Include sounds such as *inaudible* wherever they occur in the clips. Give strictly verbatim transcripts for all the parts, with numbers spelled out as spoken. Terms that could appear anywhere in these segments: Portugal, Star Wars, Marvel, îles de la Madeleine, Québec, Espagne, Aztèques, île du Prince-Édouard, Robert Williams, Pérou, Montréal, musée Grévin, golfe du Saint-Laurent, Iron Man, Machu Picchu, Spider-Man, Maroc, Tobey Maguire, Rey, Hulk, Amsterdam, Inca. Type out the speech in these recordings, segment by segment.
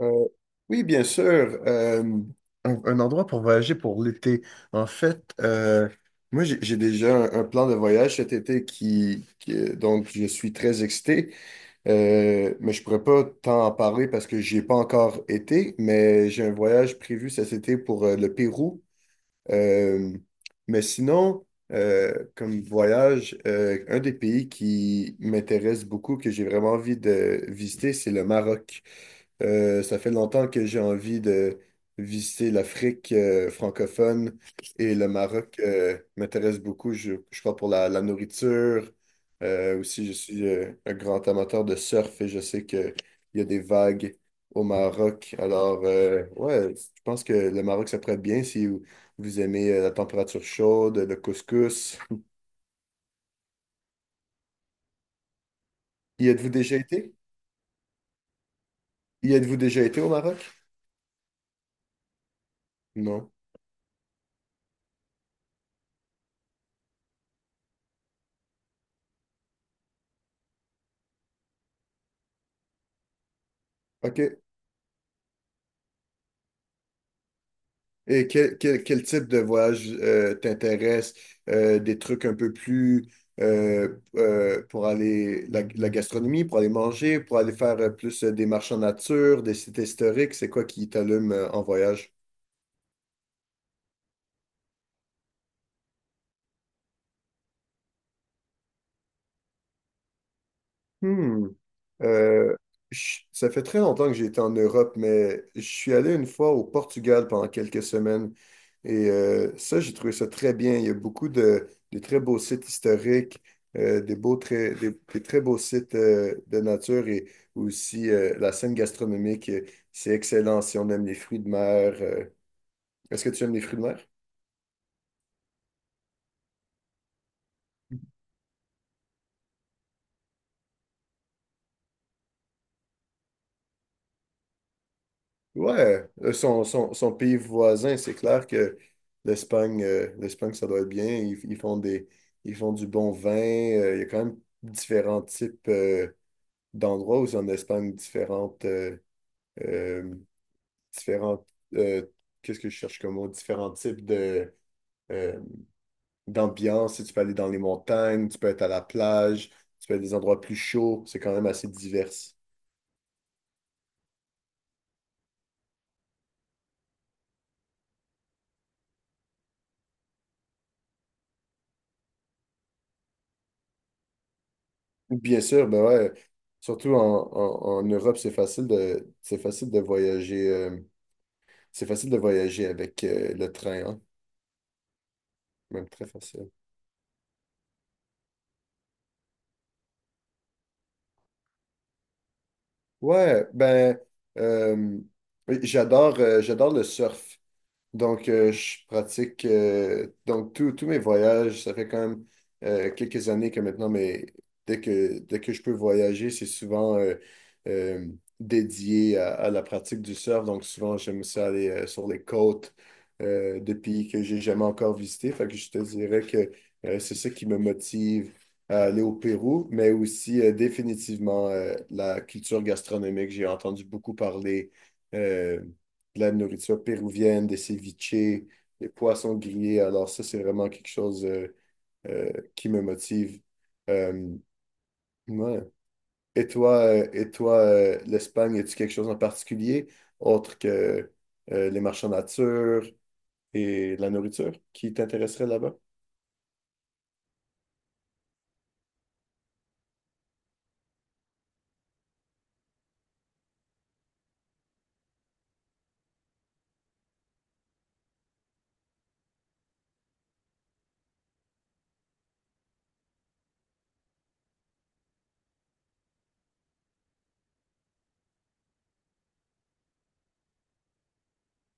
Euh, oui, bien sûr. euh, un, un endroit pour voyager pour l'été. En fait, euh, moi, j'ai j'ai déjà un, un plan de voyage cet été qui, qui- euh, donc, je suis très excité. Euh, mais je pourrais pas t'en parler parce que j'y ai pas encore été. Mais j'ai un voyage prévu cet été pour euh, le Pérou. Euh, mais sinon, euh, comme voyage, euh, un des pays qui m'intéresse beaucoup, que j'ai vraiment envie de visiter, c'est le Maroc. Euh, ça fait longtemps que j'ai envie de visiter l'Afrique euh, francophone et le Maroc euh, m'intéresse beaucoup. Je, je crois pour la, la nourriture. Euh, aussi, je suis euh, un grand amateur de surf et je sais qu'il y a des vagues au Maroc. Alors, euh, ouais, je pense que le Maroc, ça pourrait être bien si vous, vous aimez euh, la température chaude, le couscous. Y êtes-vous déjà été? Y êtes-vous déjà été au Maroc? Non. OK. Et quel, quel, quel type de voyage euh, t'intéresse? Euh, des trucs un peu plus euh, euh, pour aller, la, la gastronomie, pour aller manger, pour aller faire euh, plus euh, des marches en nature, des sites historiques, c'est quoi qui t'allume euh, en voyage? Hmm. Euh, je- Ça fait très longtemps que j'ai été en Europe, mais je suis allé une fois au Portugal pendant quelques semaines. Et euh, ça, j'ai trouvé ça très bien. Il y a beaucoup de, de très beaux sites historiques, euh, des beaux très, des, des très beaux sites euh, de nature et aussi euh, la scène gastronomique. euh, C'est excellent si on aime les fruits de mer. euh. Est-ce que tu aimes les fruits de mer? Ouais, euh, son, son, son pays voisin, c'est clair que l'Espagne, euh, l'Espagne, ça doit être bien. Ils, ils font des, ils font du bon vin. Euh, il y a quand même différents types euh, d'endroits où c'est en Espagne, différentes, euh, euh, différentes, euh, qu'est-ce que je cherche comme mot? Différents types de, euh, d'ambiance. Si tu peux aller dans les montagnes, tu peux être à la plage, tu peux être à des endroits plus chauds. C'est quand même assez divers. Bien sûr, ben ouais. Surtout en, en- en Europe, c'est facile de, c'est facile de voyager, euh, c'est facile de voyager avec euh, le train, hein. Même très facile. Ouais, ben, euh, oui, j'adore, euh, j'adore le surf. Donc, euh, je pratique, euh, donc tous tous mes voyages, ça fait quand même euh, quelques années que maintenant, mais dès que, dès que je peux voyager, c'est souvent euh, euh, dédié à, à la pratique du surf. Donc, souvent, j'aime ça aller euh, sur les côtes euh, de pays que j'ai jamais encore visités. Fait que je te dirais que euh, c'est ça qui me motive à aller au Pérou, mais aussi euh, définitivement euh, la culture gastronomique. J'ai entendu beaucoup parler. euh, de la nourriture péruvienne, des ceviches, des poissons grillés. Alors ça, c'est vraiment quelque chose euh, euh, qui me motive. Euh, ouais. Et toi, euh, et toi euh, l'Espagne, as-tu quelque chose en particulier autre que euh, les marchands de nature et la nourriture qui t'intéresserait là-bas?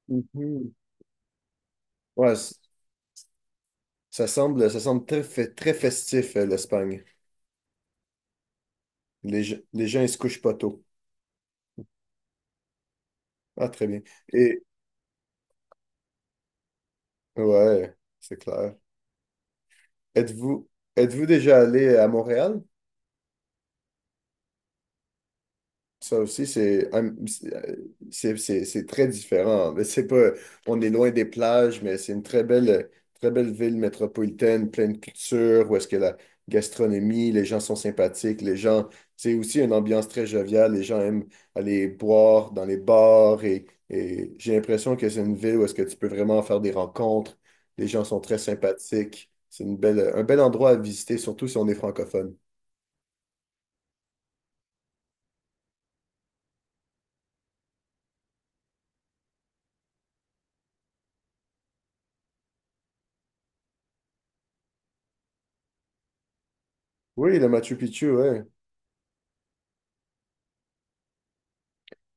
Mhm. Ouais, c- Ça semble, ça semble très, fe- très festif, euh, l'Espagne. Les, ge- les gens, ils se couchent pas tôt. Ah, très bien. Et ouais, c'est clair. Êtes-vous Êtes-vous déjà allé à Montréal? Ça aussi, c'est un- c'est c'est- C'est très différent. Mais c'est pas, on est loin des plages, mais c'est une très belle, très belle ville métropolitaine, pleine de culture, où est-ce que la gastronomie, les gens sont sympathiques, les gens, c'est aussi une ambiance très joviale, les gens aiment aller boire dans les bars et, et j'ai l'impression que c'est une ville où est-ce que tu peux vraiment faire des rencontres, les gens sont très sympathiques, c'est une belle, un bel endroit à visiter, surtout si on est francophone. Oui, le Machu Picchu, ouais.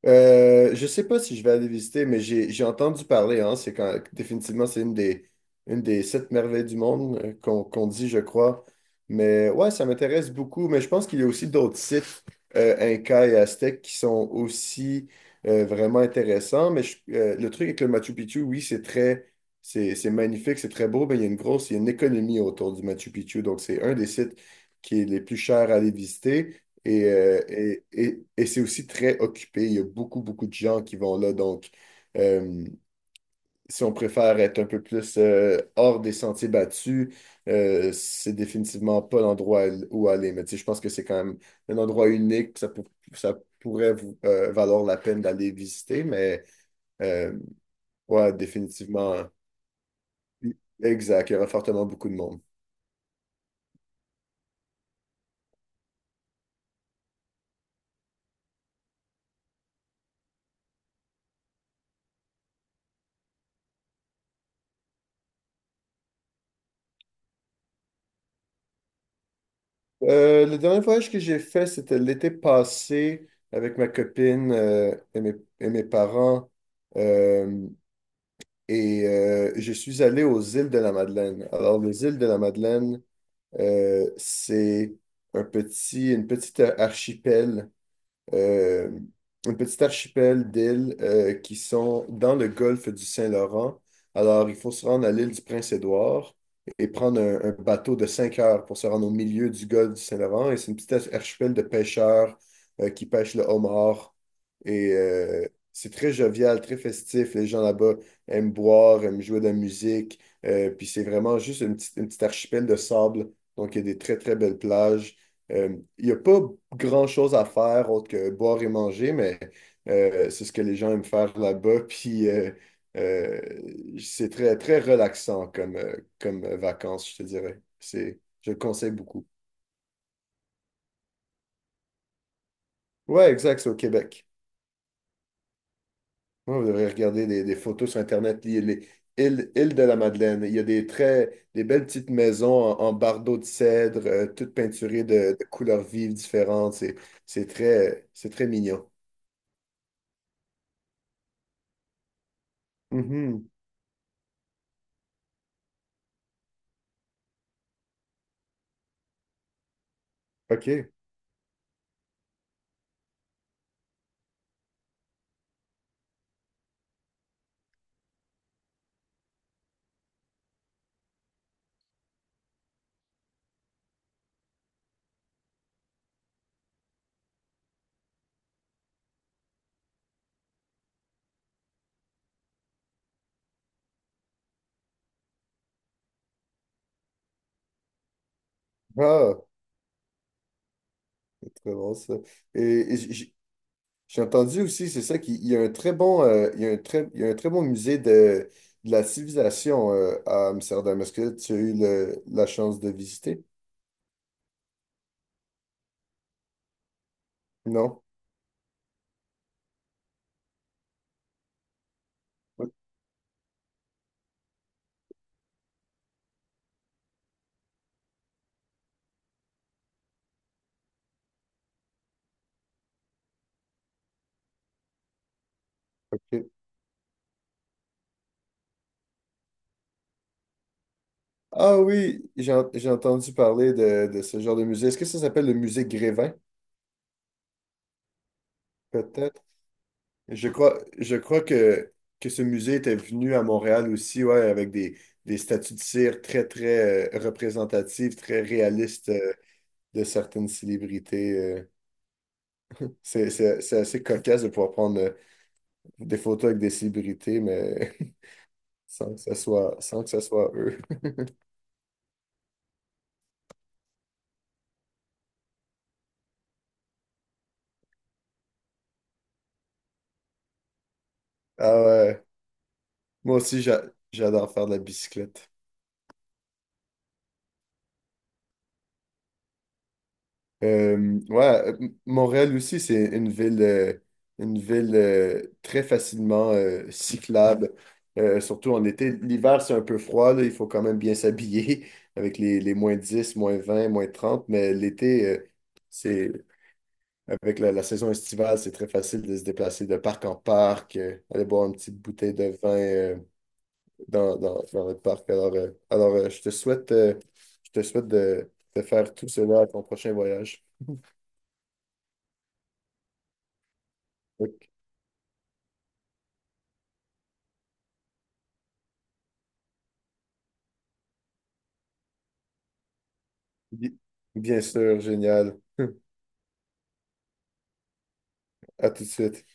Euh, je sais pas si je vais aller visiter, mais j'ai j'ai entendu parler, hein. C'est quand définitivement c'est une des une des sept merveilles du monde euh, qu'on qu'on dit, je crois. Mais ouais, ça m'intéresse beaucoup. Mais je pense qu'il y a aussi d'autres sites euh, Inca et Aztèques qui sont aussi euh, vraiment intéressants. Mais je- euh, le truc avec le Machu Picchu, oui, c'est très c'est c'est magnifique, c'est très beau, mais il y a une grosse, il y a une économie autour du Machu Picchu. Donc c'est un des sites qui est les plus chers à aller visiter. Et, euh, et, et, et c'est aussi très occupé. Il y a beaucoup, beaucoup de gens qui vont là. Donc, euh, si on préfère être un peu plus euh, hors des sentiers battus, euh, c'est définitivement pas l'endroit où aller. Mais tu sais, je pense que c'est quand même un endroit unique. Ça, pour- ça pourrait vous, euh, valoir la peine d'aller visiter. Mais euh, ouais, définitivement. Exact, il y aura fortement beaucoup de monde. Euh, le dernier voyage que j'ai fait, c'était l'été passé avec ma copine euh, et mes, et mes parents. Euh, et euh, je suis allé aux îles de la Madeleine. Alors, les îles de la Madeleine, euh, c'est un petit, une petite archipel euh, un petit archipel d'îles euh, qui sont dans le golfe du Saint-Laurent. Alors, il faut se rendre à l'île du Prince-Édouard et prendre un, un bateau de cinq heures pour se rendre au milieu du golfe du Saint-Laurent. Et c'est une petite archipel de pêcheurs euh, qui pêchent le homard. Et euh, c'est très jovial, très festif. Les gens là-bas aiment boire, aiment jouer de la musique. Euh, puis c'est vraiment juste une petite, une petite archipel de sable. Donc, il y a des très, très belles plages. Euh, Il n'y a pas grand-chose à faire autre que boire et manger, mais euh, c'est ce que les gens aiment faire là-bas. *laughs* Puis euh, euh, c'est très, très relaxant comme, euh, comme vacances, je te dirais. C'est, je le conseille beaucoup. Ouais, exact, c'est au Québec. Ouais, vous devrez regarder des, des photos sur Internet, les, les îles, îles de la Madeleine. Il y a des très, des belles petites maisons en, en bardeaux de cèdre, euh, toutes peinturées de, de couleurs vives différentes. C'est, c'est très, c'est très mignon. Mhm. OK. Ah. Très bon, ça. Et, et j- j- j'ai entendu aussi, c'est ça, qu'il il y a un très bon, euh, il y a un très, il y a un très bon musée de, de la civilisation euh, à Amsterdam. Est-ce que tu as eu le- La chance de visiter? Non? OK. Ah oui, j'ai en- j'ai entendu parler de, de ce genre de musée. Est-ce que ça s'appelle le musée Grévin, peut-être? Je crois, je crois que, que ce musée était venu à Montréal aussi, ouais, avec des, des statues de cire très, très euh, représentatives, très réalistes. Euh, de certaines célébrités. euh. C'est, c'est- c'est assez cocasse de pouvoir prendre euh, des photos avec des célébrités, mais *laughs* sans que ça soit, sans que ça soit eux. Ah ouais, moi aussi, j'a- J'adore faire de la bicyclette. Euh, ouais, euh, M- Montréal aussi, c'est une ville, euh, une ville euh, très facilement euh, cyclable. Euh, surtout en été. L'hiver, c'est un peu froid, là, il faut quand même bien s'habiller *laughs* avec les, les moins dix, moins vingt, moins trente mais l'été, euh, c'est avec la, la saison estivale, c'est très facile de se déplacer de parc en parc, euh, aller boire une petite bouteille de vin euh, dans, dans, dans notre parc. Alors, euh, alors euh, je te souhaite, euh, je te souhaite de, de faire tout cela à ton prochain voyage. Donc, bi- Bien sûr, génial. *laughs* À tout de suite.